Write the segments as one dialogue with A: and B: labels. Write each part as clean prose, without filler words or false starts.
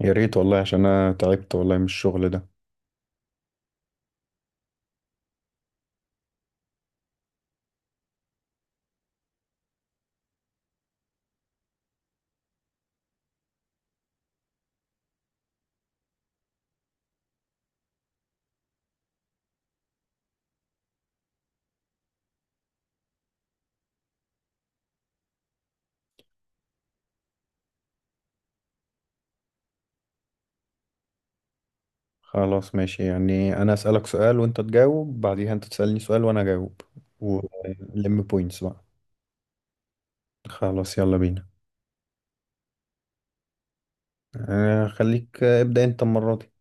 A: يا ريت والله، عشان انا تعبت والله من الشغل ده. خلاص، ماشي يعني انا اسالك سؤال وانت تجاوب، بعديها انت تسالني سؤال وانا اجاوب ولم بوينتس بقى. خلاص، يلا بينا. خليك. ابدا انت المره دي.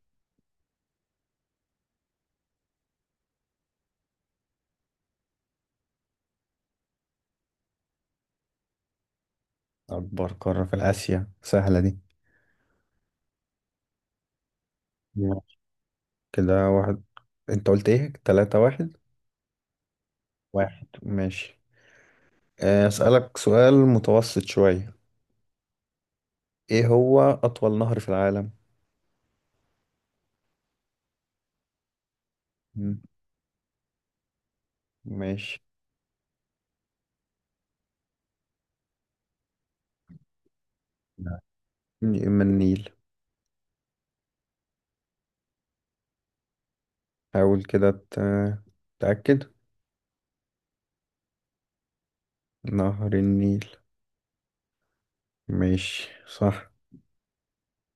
A: اكبر قاره في اسيا، سهله دي. يلا. كده واحد. انت قلت ايه؟ 3-1؟ واحد. ماشي. اسالك سؤال متوسط شويه. ايه هو اطول نهر في العالم؟ مم. ماشي. نعم. من النيل. حاول كده، تأكد. نهر النيل. ماشي، صح.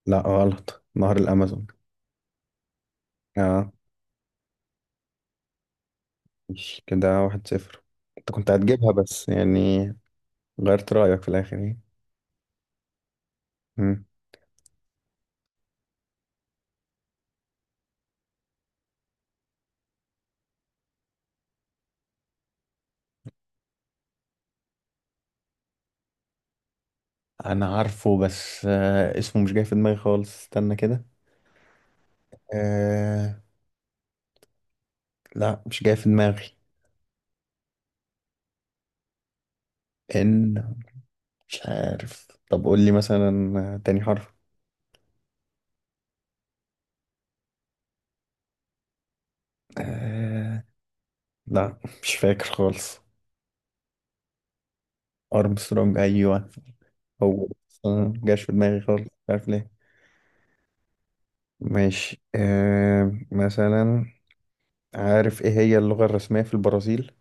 A: لا، غلط، نهر الأمازون. اه، ماشي، كده 1-0. انت كنت هتجيبها بس يعني. غيرت رأيك في الآخر يعني. مم. أنا عارفه، بس اسمه مش جاي في دماغي خالص. استنى كده. آه. لا، مش جاي في دماغي. إن. مش عارف. طب قول لي مثلا تاني حرف. آه. لا، مش فاكر خالص. أرمسترونج، أيوه. هو بس، مجاش في دماغي خالص، مش عارف ليه. ماشي. مثلا، عارف ايه هي اللغة الرسمية في البرازيل؟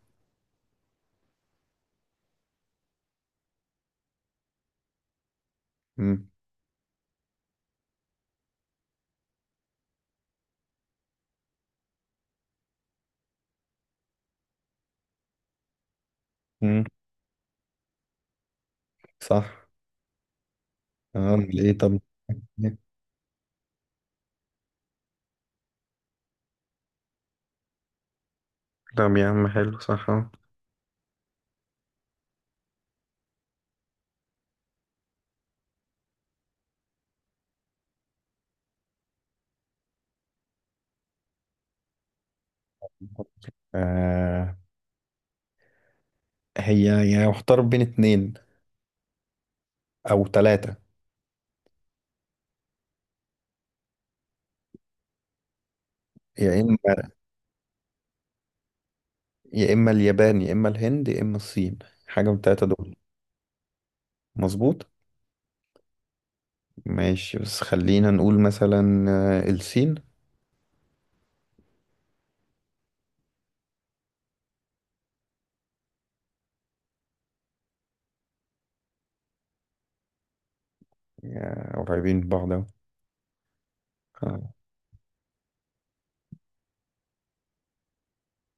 A: مم. مم. صح. اه، ايه طب. طب يا عم، حلو، صح، اه. آه هي يعني محتار بين اتنين او تلاتة. يا اما يا اما اليابان، يا اما الهند، يا اما الصين. حاجة من التلاتة دول. مظبوط. ماشي، بس خلينا نقول مثلا الصين. قريبين من بعض اهو. اه.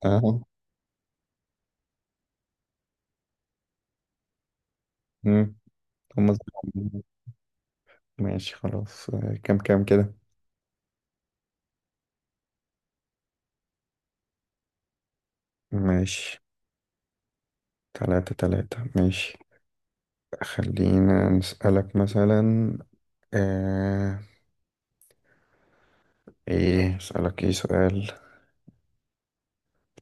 A: آه. مم. هم. ماشي، خلاص. كام كام كده؟ ماشي. 3-3. ماشي. خلينا نسألك مثلا. آه ايه، اسألك ايه سؤال.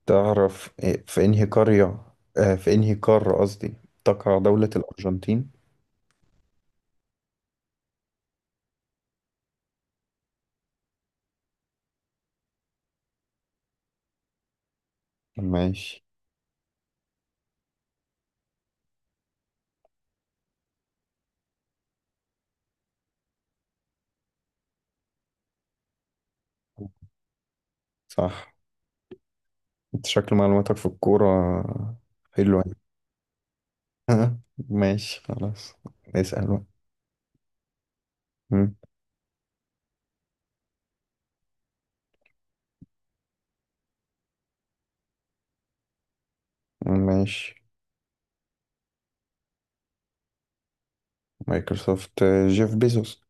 A: تعرف إيه، في انهي قرية، في انهي قارة قصدي، تقع دولة الأرجنتين؟ ماشي، صح. انت شكل معلوماتك في الكورة حلوة. ماشي، خلاص. اسأل بقى. مم. ماشي. مايكروسوفت؟ جيف بيزوس.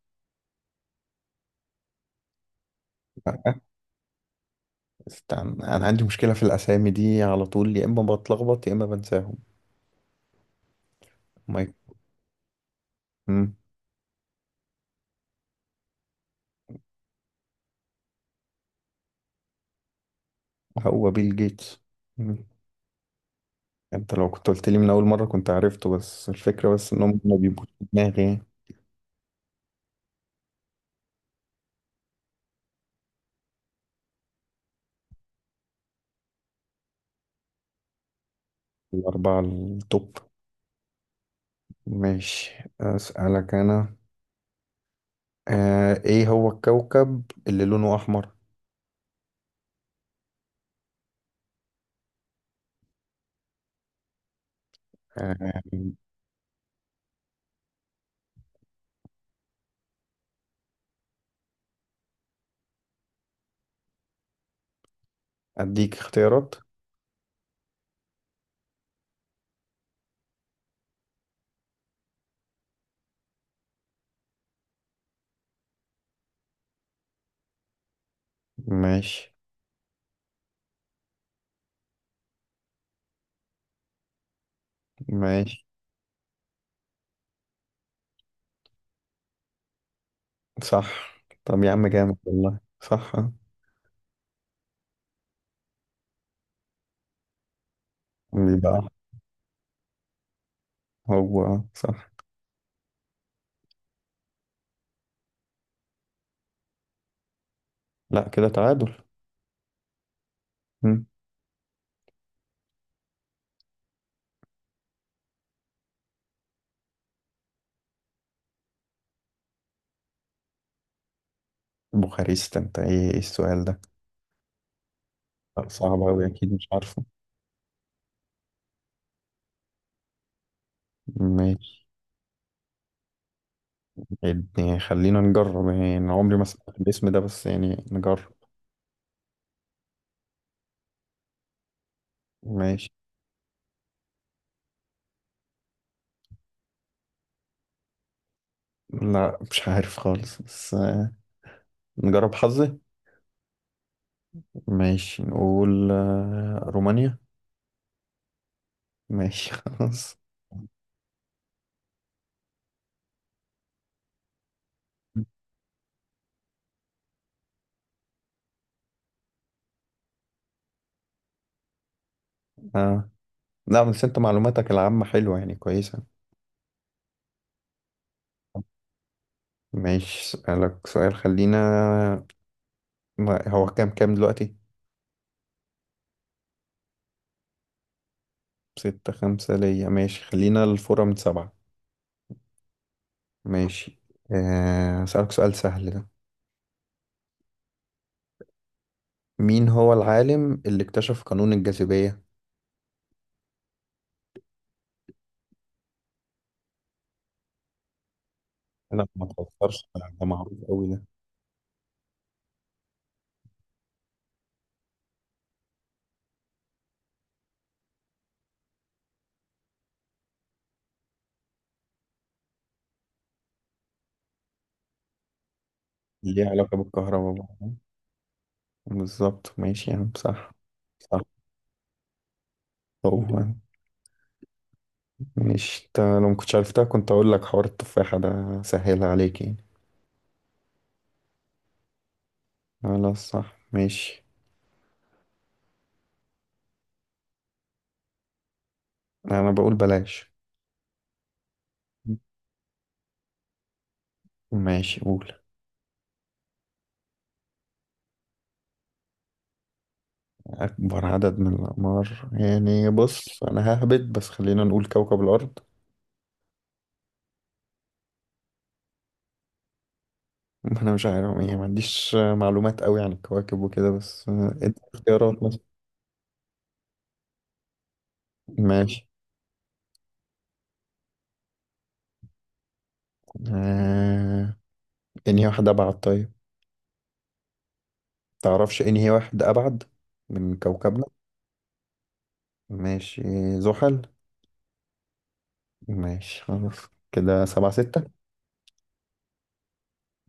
A: لأ. استنى، انا عندي مشكلة في الأسامي دي على طول، يا اما بتلخبط يا اما بنساهم. مايك. مم. هو بيل جيتس. مم. انت لو كنت قلت لي من اول مره كنت عرفته، بس الفكره بس انهم ما بيبقوش في دماغي. الاربعه التوب. ماشي، اسالك انا. ايه هو الكوكب اللي لونه احمر؟ آه اديك اختيارات. ماشي، ماشي، صح. طب يا عم، جامد والله، صح، آه. بيبقى أحمر. هو صح. لا، كده تعادل. مم. بوخارست؟ انت ايه السؤال ده؟ لا، صعب أوي، أكيد مش عارفه. ماشي. يعني خلينا نجرب، يعني أنا عمري ما سمعت الاسم ده، بس يعني نجرب. ماشي. لا، مش عارف خالص، بس نجرب حظي. ماشي، نقول رومانيا. ماشي. خلاص. آه. لا، بس انت معلوماتك العامة حلوة، يعني كويسة. ماشي، اسألك سؤال. خلينا، ما هو كام كام دلوقتي؟ 6-5 ليا. ماشي، خلينا الفورة من سبعة. ماشي. اسألك سؤال سهل ده. مين هو العالم اللي اكتشف قانون الجاذبية؟ لا، ما تفكرش. ده معروف قوي ده. ليه علاقة بالكهرباء بقى؟ بالظبط، ماشي يا عم، صح. صح. هو مش لو ما كنتش عرفتها كنت اقول لك حوار التفاحة ده سهلها عليك يعني. خلاص، صح، ماشي. انا بقول بلاش. ماشي، قول. اكبر عدد من الاقمار يعني؟ بص، انا ههبط، بس خلينا نقول كوكب الارض. ما انا مش عارف يعني، ما عنديش معلومات قوي عن الكواكب وكده، بس ادي اختيارات مثلا. ماشي. آه، انهي واحد ابعد طيب؟ تعرفش انهي واحد ابعد من كوكبنا؟ ماشي. زحل. ماشي، خلاص. كده 7-6.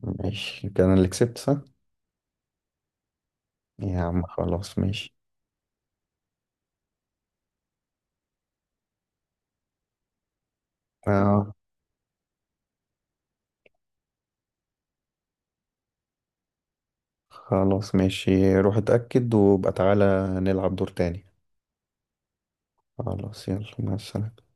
A: ماشي، كده انا اللي كسبت، صح؟ يا عم، خلاص، ماشي. آه. خلاص، ماشي، روح اتأكد وابقى تعالى. نلعب دور تاني. خلاص، يلا، مع السلامة.